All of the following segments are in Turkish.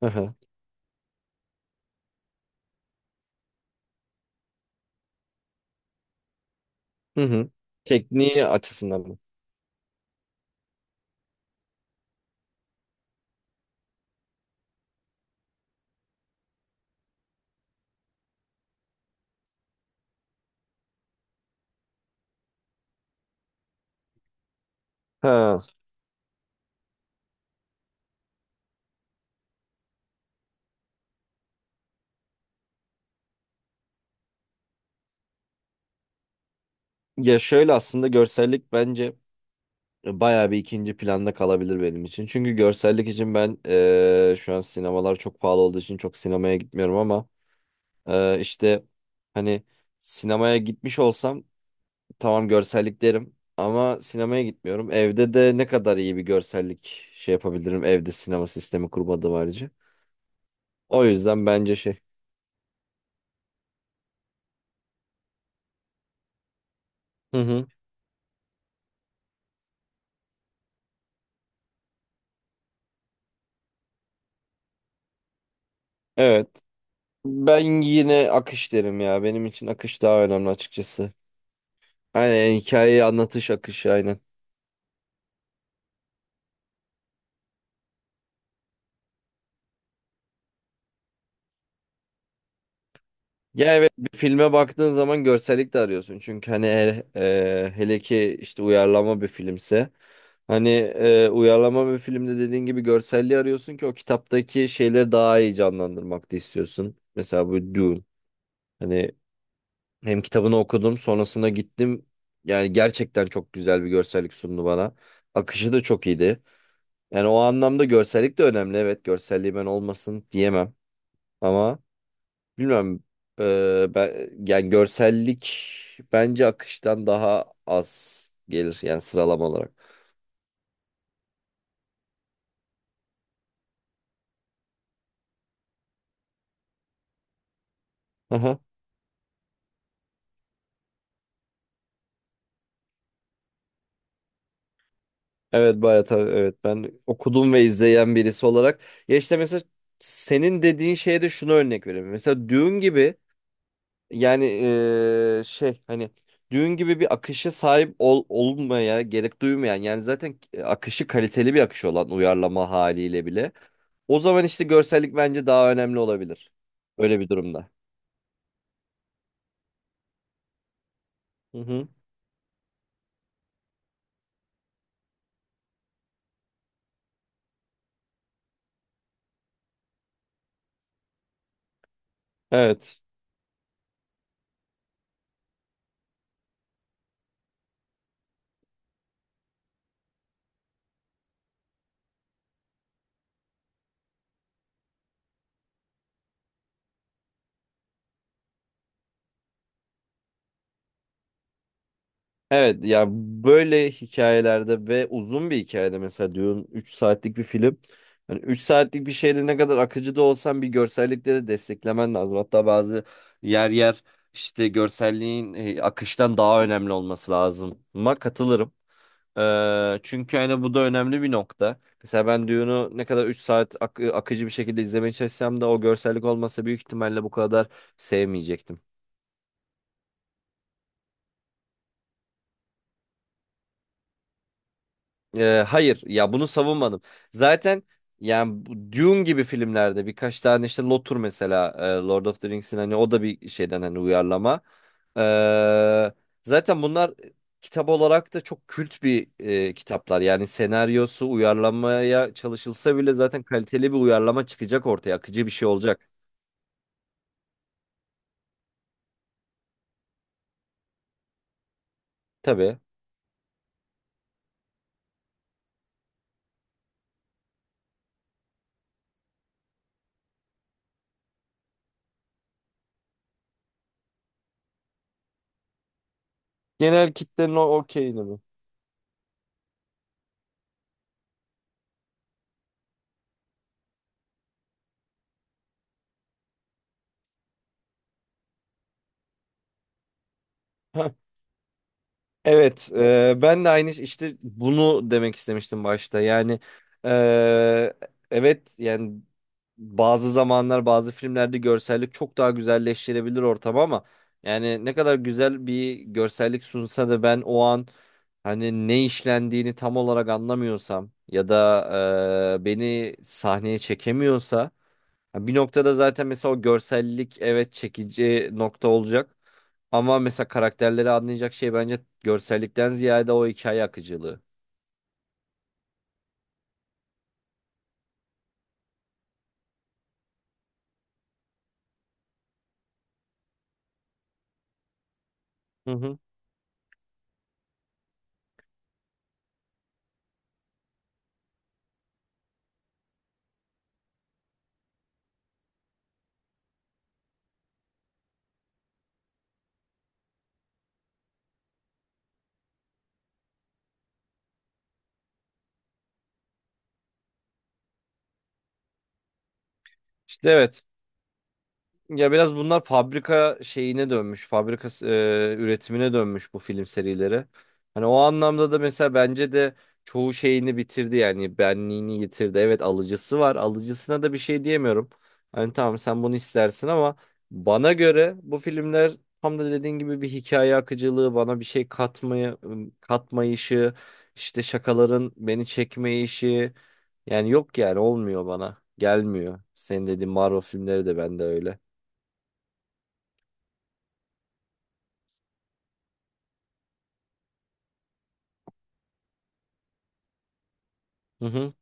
Aha. Hı hı. Tekniği açısından mı? Ha. Ya şöyle aslında görsellik bence bayağı bir ikinci planda kalabilir benim için. Çünkü görsellik için ben şu an sinemalar çok pahalı olduğu için çok sinemaya gitmiyorum ama işte hani sinemaya gitmiş olsam tamam görsellik derim ama sinemaya gitmiyorum. Evde de ne kadar iyi bir görsellik şey yapabilirim evde sinema sistemi kurmadığım harici. O yüzden bence şey. Hı hı. Evet. Ben yine akış derim ya. Benim için akış daha önemli açıkçası. Aynen, yani hikayeyi anlatış akışı aynen. Ya evet, bir filme baktığın zaman görsellik de arıyorsun. Çünkü hani eğer, hele ki işte uyarlama bir filmse. Hani uyarlama bir filmde dediğin gibi görselliği arıyorsun ki o kitaptaki şeyleri daha iyi canlandırmak da istiyorsun. Mesela bu Dune. Hani hem kitabını okudum, sonrasında gittim. Yani gerçekten çok güzel bir görsellik sundu bana. Akışı da çok iyiydi. Yani o anlamda görsellik de önemli. Evet, görselliği ben olmasın diyemem. Ama bilmiyorum. Ben, yani görsellik bence akıştan daha az gelir. Yani sıralama olarak. Aha. Evet bayağı tabii. Evet, ben okudum ve izleyen birisi olarak. Ya işte mesela senin dediğin şeye de şunu örnek vereyim. Mesela Dune gibi yani şey hani düğün gibi bir akışa sahip ol, olmaya gerek duymayan, yani zaten akışı kaliteli bir akış olan uyarlama haliyle bile, o zaman işte görsellik bence daha önemli olabilir. Öyle bir durumda. Hı hı. Evet. Evet ya, böyle hikayelerde ve uzun bir hikayede mesela diyorum, 3 saatlik bir film. Yani 3 saatlik bir şeyde ne kadar akıcı da olsan bir görsellikleri desteklemen lazım. Hatta bazı yer yer işte görselliğin akıştan daha önemli olması lazım. Ama katılırım. Çünkü hani bu da önemli bir nokta. Mesela ben Dune'u ne kadar 3 saat akıcı bir şekilde izlemeye çalışsam da o görsellik olmasa büyük ihtimalle bu kadar sevmeyecektim. Hayır ya, bunu savunmadım. Zaten yani bu Dune gibi filmlerde birkaç tane işte Lotur mesela, Lord of the Rings'in hani, o da bir şeyden hani uyarlama. Ee, Zaten bunlar kitap olarak da çok kült bir kitaplar. Yani senaryosu uyarlamaya çalışılsa bile zaten kaliteli bir uyarlama çıkacak ortaya. Akıcı bir şey olacak. Tabii. Genel kitlenin o okeyini mi? Evet, ben de aynı işte bunu demek istemiştim başta. Yani e, evet yani bazı zamanlar bazı filmlerde görsellik çok daha güzelleştirebilir ortamı ama yani ne kadar güzel bir görsellik sunsa da ben o an hani ne işlendiğini tam olarak anlamıyorsam ya da beni sahneye çekemiyorsa ya. Bir noktada zaten mesela o görsellik, evet, çekici nokta olacak. Ama mesela karakterleri anlayacak şey bence görsellikten ziyade o hikaye akıcılığı. Hı hı. İşte evet. Ya biraz bunlar fabrika şeyine dönmüş, fabrika üretimine dönmüş bu film serileri. Hani o anlamda da mesela bence de çoğu şeyini bitirdi, yani benliğini yitirdi. Evet, alıcısı var, alıcısına da bir şey diyemiyorum. Hani tamam, sen bunu istersin ama bana göre bu filmler tam da dediğin gibi bir hikaye akıcılığı, bana bir şey katmayı, katmayışı, işte şakaların beni çekmeyişi, yani yok, yani olmuyor bana. Gelmiyor. Senin dediğin Marvel filmleri de bende öyle. Hı hı.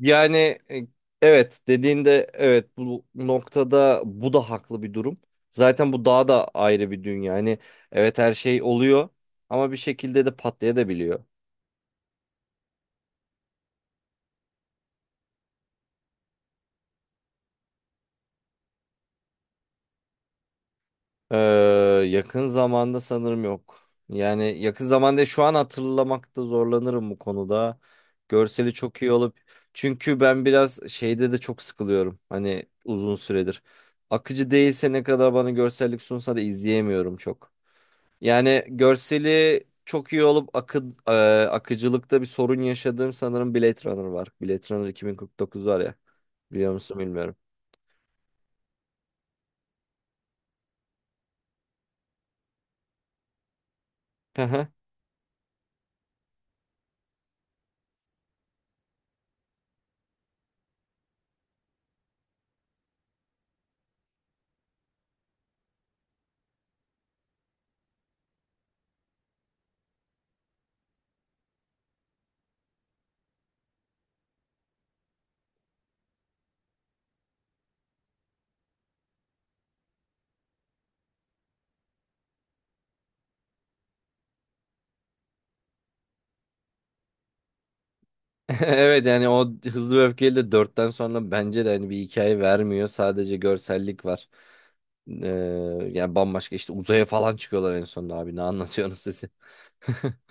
Yani e, evet, dediğinde evet, bu noktada bu da haklı bir durum. Zaten bu daha da ayrı bir dünya. Yani evet, her şey oluyor ama bir şekilde de patlayabiliyor. Ee, Yakın zamanda sanırım yok. Yani yakın zamanda şu an hatırlamakta zorlanırım bu konuda. Görseli çok iyi olup, çünkü ben biraz şeyde de çok sıkılıyorum. Hani uzun süredir. Akıcı değilse ne kadar bana görsellik sunsa da izleyemiyorum çok. Yani görseli çok iyi olup akıcılıkta bir sorun yaşadığım sanırım Blade Runner var. Blade Runner 2049 var ya. Biliyor musun bilmiyorum. Hı hı. Evet yani o Hızlı ve Öfkeli de dörtten sonra bence de hani bir hikaye vermiyor. Sadece görsellik var. Ee, Yani bambaşka işte uzaya falan çıkıyorlar en sonunda abi. Ne anlatıyorsunuz siz?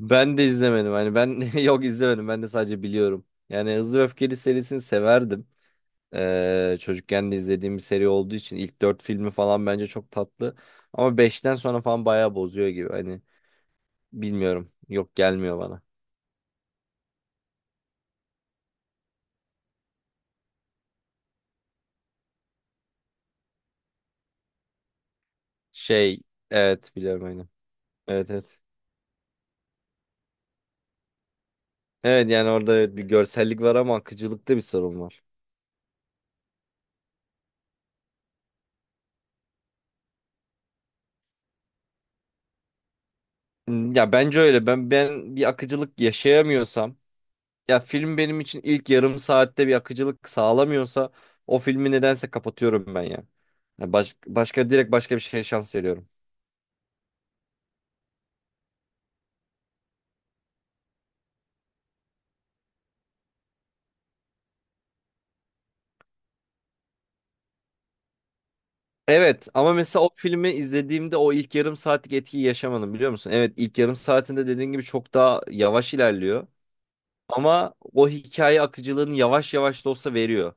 Ben de izlemedim. Hani ben yok izlemedim. Ben de sadece biliyorum. Yani Hızlı ve Öfkeli serisini severdim. Çocukken de izlediğim bir seri olduğu için ilk 4 filmi falan bence çok tatlı. Ama beşten sonra falan bayağı bozuyor gibi. Hani bilmiyorum. Yok, gelmiyor bana. Şey, evet biliyorum aynen. Evet evet. Evet yani orada evet bir görsellik var ama akıcılıkta bir sorun var. Hmm. Ya bence öyle. Ben bir akıcılık yaşayamıyorsam, ya film benim için ilk yarım saatte bir akıcılık sağlamıyorsa, o filmi nedense kapatıyorum ben ya. Yani başka, direkt başka bir şeye şans veriyorum. Evet ama mesela o filmi izlediğimde o ilk yarım saatlik etkiyi yaşamadım, biliyor musun? Evet, ilk yarım saatinde dediğin gibi çok daha yavaş ilerliyor. Ama o hikaye akıcılığını yavaş yavaş da olsa veriyor.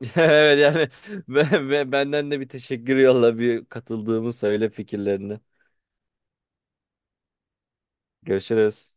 Evet yani benden de bir teşekkür yolla, bir katıldığımı söyle fikirlerini. Görüşürüz.